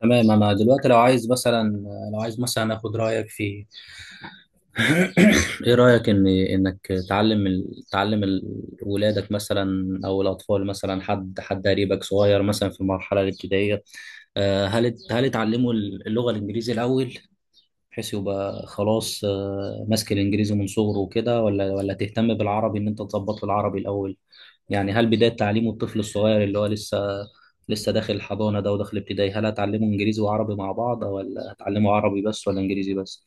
تمام، انا دلوقتي لو عايز مثلا، اخد رايك في ايه رايك ان انك تعلم ولادك مثلا، او الاطفال مثلا، حد قريبك صغير مثلا في المرحله الابتدائيه. هل تعلموا اللغه الانجليزيه الاول، بحيث يبقى خلاص ماسك الانجليزي من صغره وكده، ولا تهتم بالعربي ان انت تظبط له العربي الاول؟ يعني هل بداية تعليمه الطفل الصغير اللي هو لسه داخل الحضانة ده وداخل ابتدائي، هل هتعلمه انجليزي وعربي مع بعض، ولا هتعلمه عربي بس، ولا انجليزي بس؟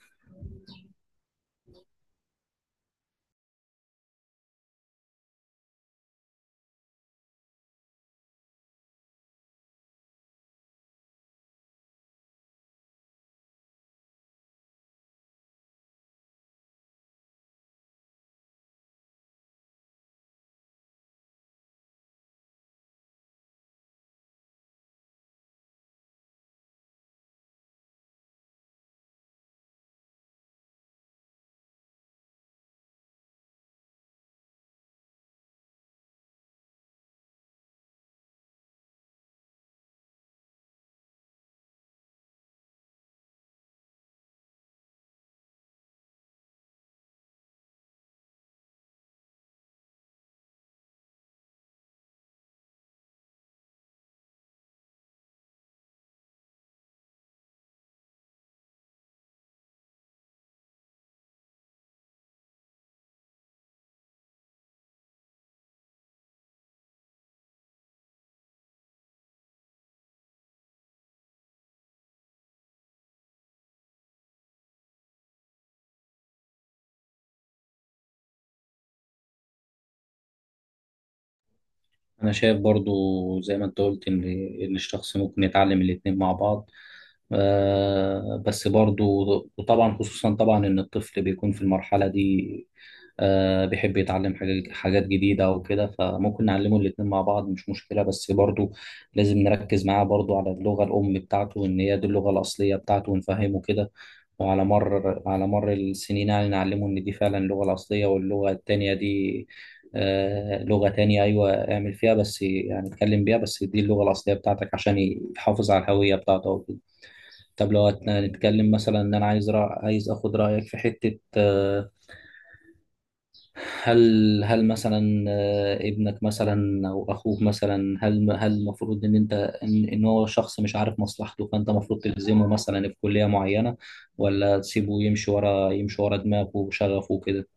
أنا شايف برضو زي ما أنت قلت إن الشخص ممكن يتعلم الاتنين مع بعض، بس برضو، وطبعا خصوصا طبعا إن الطفل بيكون في المرحلة دي بيحب يتعلم حاجات جديدة وكده، فممكن نعلمه الاتنين مع بعض، مش مشكلة، بس برضو لازم نركز معاه برضو على اللغة الأم بتاعته، إن هي دي اللغة الأصلية بتاعته، ونفهمه كده. وعلى مر السنين يعني نعلمه إن دي فعلا اللغة الأصلية، واللغة التانية دي لغة تانية، أيوة اعمل فيها بس، يعني اتكلم بيها بس، دي اللغة الأصلية بتاعتك عشان يحافظ على الهوية بتاعته وكده. طب لو هنتكلم مثلا، إن أنا عايز عايز آخد رأيك في حتة، هل مثلا ابنك مثلا أو أخوك مثلا، هل المفروض إن أنت إن هو شخص مش عارف مصلحته، فأنت المفروض تلزمه مثلا في كلية معينة، ولا تسيبه يمشي ورا، دماغه وشغفه وكده؟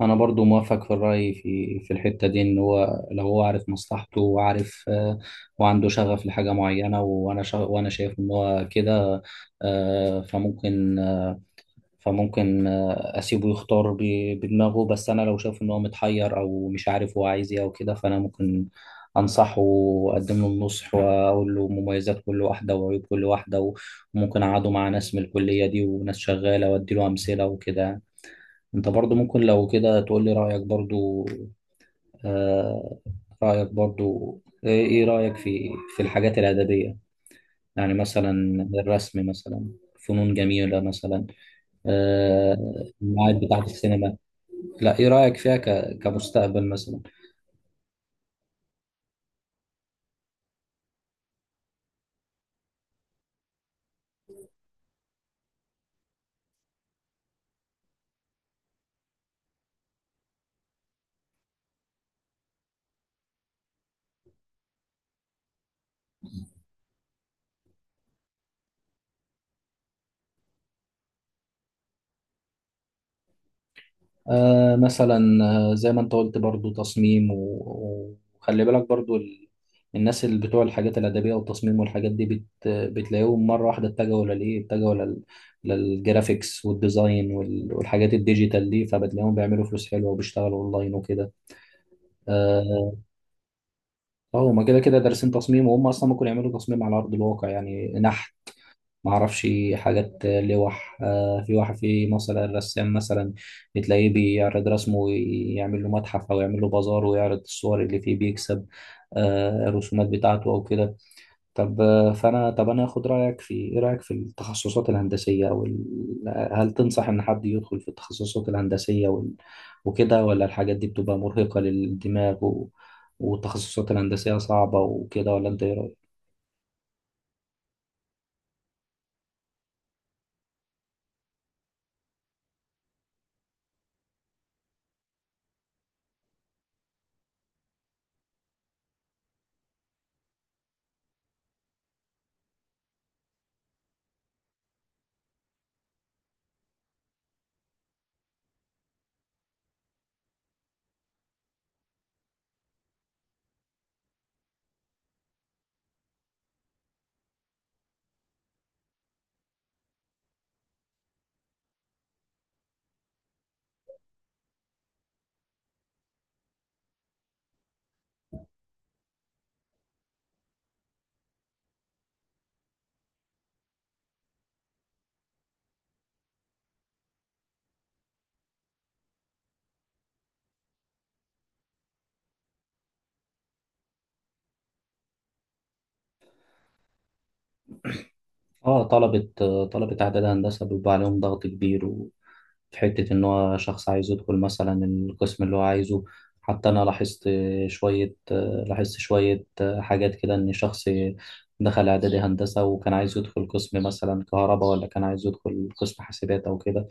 انا برضو موافق في الرأي، في الحتة دي، ان هو لو هو عارف مصلحته وعارف، وعنده شغف لحاجة معينة، وانا شايف ان هو كده، آه، فممكن آه، فممكن اسيبه يختار بدماغه. بس انا لو شايف ان هو متحير، او مش عارف هو عايز ايه او كده، فانا ممكن انصحه واقدم له النصح، واقول له مميزات كل واحدة وعيوب كل واحدة، وممكن اقعده مع ناس من الكلية دي وناس شغالة، وادي له امثلة وكده. انت برضو ممكن لو كده تقول لي رأيك برضو. آه، رأيك برضو ايه، إيه رأيك في في الحاجات الأدبية؟ يعني مثلا الرسم مثلا، فنون جميلة مثلا. آه. المواعيد بتاعة السينما. لا، ايه رأيك فيها كمستقبل مثلا؟ آه مثلا، زي ما انت قلت برضو، تصميم، وخلي بالك برضو الناس اللي بتوع الحاجات الأدبية والتصميم والحاجات دي، بتلاقيهم مرة واحدة اتجهوا للجرافيكس والديزاين والحاجات الديجيتال دي، فبتلاقيهم بيعملوا فلوس حلوة، وبيشتغلوا أونلاين وكده. اه. هما كده كده دارسين تصميم، وهم أصلا ممكن يعملوا تصميم على أرض الواقع، يعني نحت. ما اعرفش حاجات لوح. في واحد في مصر الرسام مثلا، بتلاقيه بيعرض رسمه ويعمل له متحف، او يعمل له بازار ويعرض الصور اللي فيه، بيكسب الرسومات بتاعته او كده. طب آه، فانا طب انا اخد رايك في، ايه رايك في التخصصات الهندسيه، او هل تنصح ان حد يدخل في التخصصات الهندسيه وكده، ولا الحاجات دي بتبقى مرهقه للدماغ والتخصصات الهندسيه صعبه وكده، ولا انت ايه رأيك؟ اه. طلبة اعداد هندسة بيبقى عليهم ضغط كبير، وفي حتة ان هو شخص عايز يدخل مثلا القسم اللي هو عايزه. حتى انا شوية لاحظت شوية حاجات كده، ان شخص دخل اعدادي هندسة وكان عايز يدخل قسم مثلا كهرباء، ولا كان عايز يدخل قسم حاسبات او كده،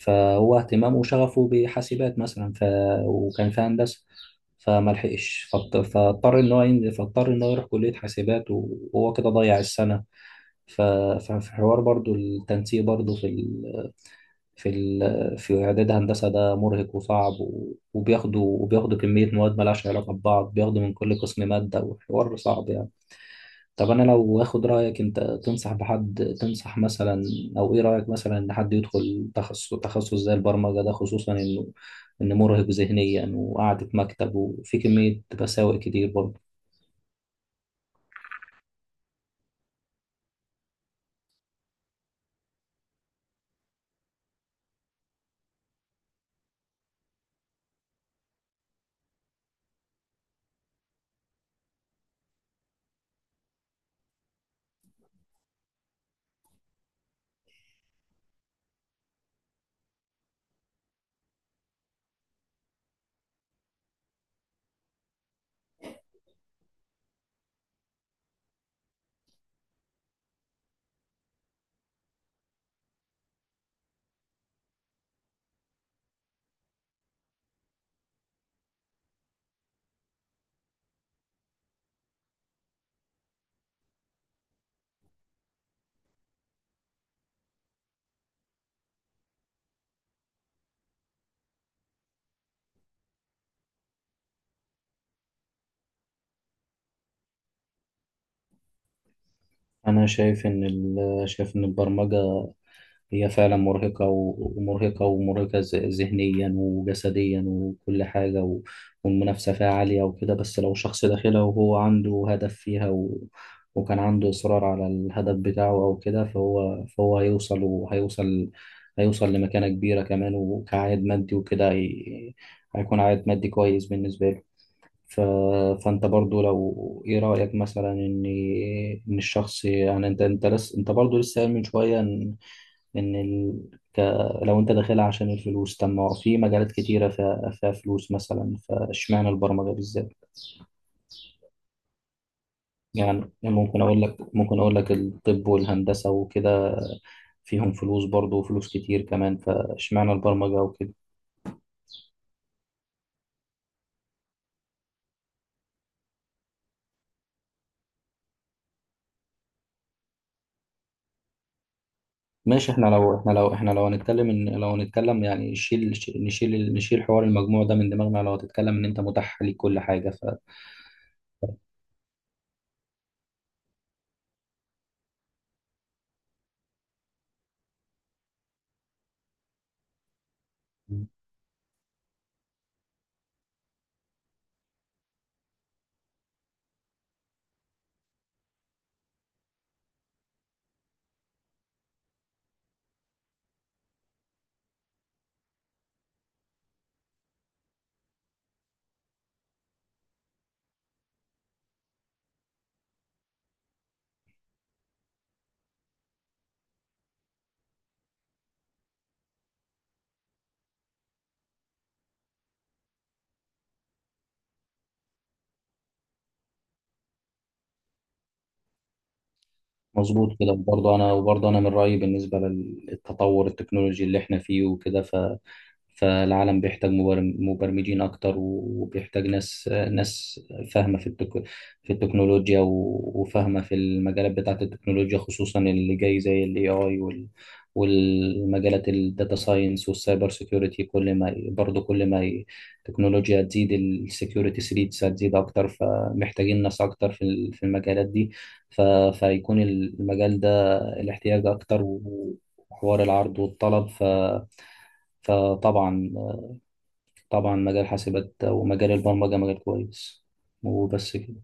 فهو اهتمامه وشغفه بحاسبات مثلا وكان في هندسة، فما لحقش، فاضطر ان هو ينزل، فاضطر ان هو يروح كلية حاسبات، وهو كده ضيع السنة. ف- ففي حوار برضو التنسيق برضو، في في إعداد هندسة، ده مرهق وصعب، وبياخدوا كمية مواد مالهاش علاقة ببعض، بياخدوا من كل قسم مادة، وحوار صعب يعني. طب أنا لو آخد رأيك، أنت تنصح بحد، تنصح مثلا، أو إيه رأيك مثلا إن حد يدخل تخصص زي البرمجة ده، خصوصا إنه مرهق ذهنيا، وقعدة مكتب، وفي كمية مساوئ كتير برضه. أنا شايف إن البرمجة هي فعلا مرهقة، ذهنيا وجسديا وكل حاجة، والمنافسة فيها عالية وكده، بس لو شخص داخلها وهو عنده هدف فيها وكان عنده إصرار على الهدف بتاعه أو كده، فهو هيوصل، وهيوصل هيوصل لمكانة كبيرة كمان، وكعائد مادي وكده، هيكون عائد مادي كويس بالنسبة له. ف... فأنت برضو لو، إيه رأيك مثلا إن الشخص يعني، أنت برضو لسه قايل من شوية، ان ك... لو انت داخلها عشان الفلوس، طب ما هو في مجالات كتيره فيها فلوس مثلا، فاشمعنى البرمجه بالذات؟ يعني ممكن اقول لك، الطب والهندسه وكده، فيهم فلوس برضه وفلوس كتير كمان، فاشمعنى البرمجه وكده؟ ماشي، احنا لو احنا لو احنا لو هنتكلم ان لو هنتكلم يعني، شيل نشيل نشيل حوار المجموع ده من دماغنا، لو هتتكلم ان انت متاح ليك كل حاجه. مظبوط كده، وبرضه انا من رايي بالنسبه للتطور التكنولوجي اللي احنا فيه وكده، فالعالم بيحتاج مبرمجين اكتر، وبيحتاج ناس فاهمه في في التكنولوجيا، وفاهمه في المجالات بتاعه التكنولوجيا، خصوصا اللي جاي زي الاي اي والمجالات الداتا ساينس والسايبر سيكيورتي. كل ما ي- برضه كل ما ي- التكنولوجيا تزيد السكيورتي ثريتس هتزيد اكتر، فمحتاجين ناس اكتر في في المجالات دي. ف... فيكون المجال ده الاحتياج اكتر وحوار العرض والطلب. ف... فطبعا طبعا مجال حاسبات ومجال البرمجة مجال كويس، وبس كده.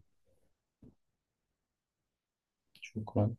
شكرا.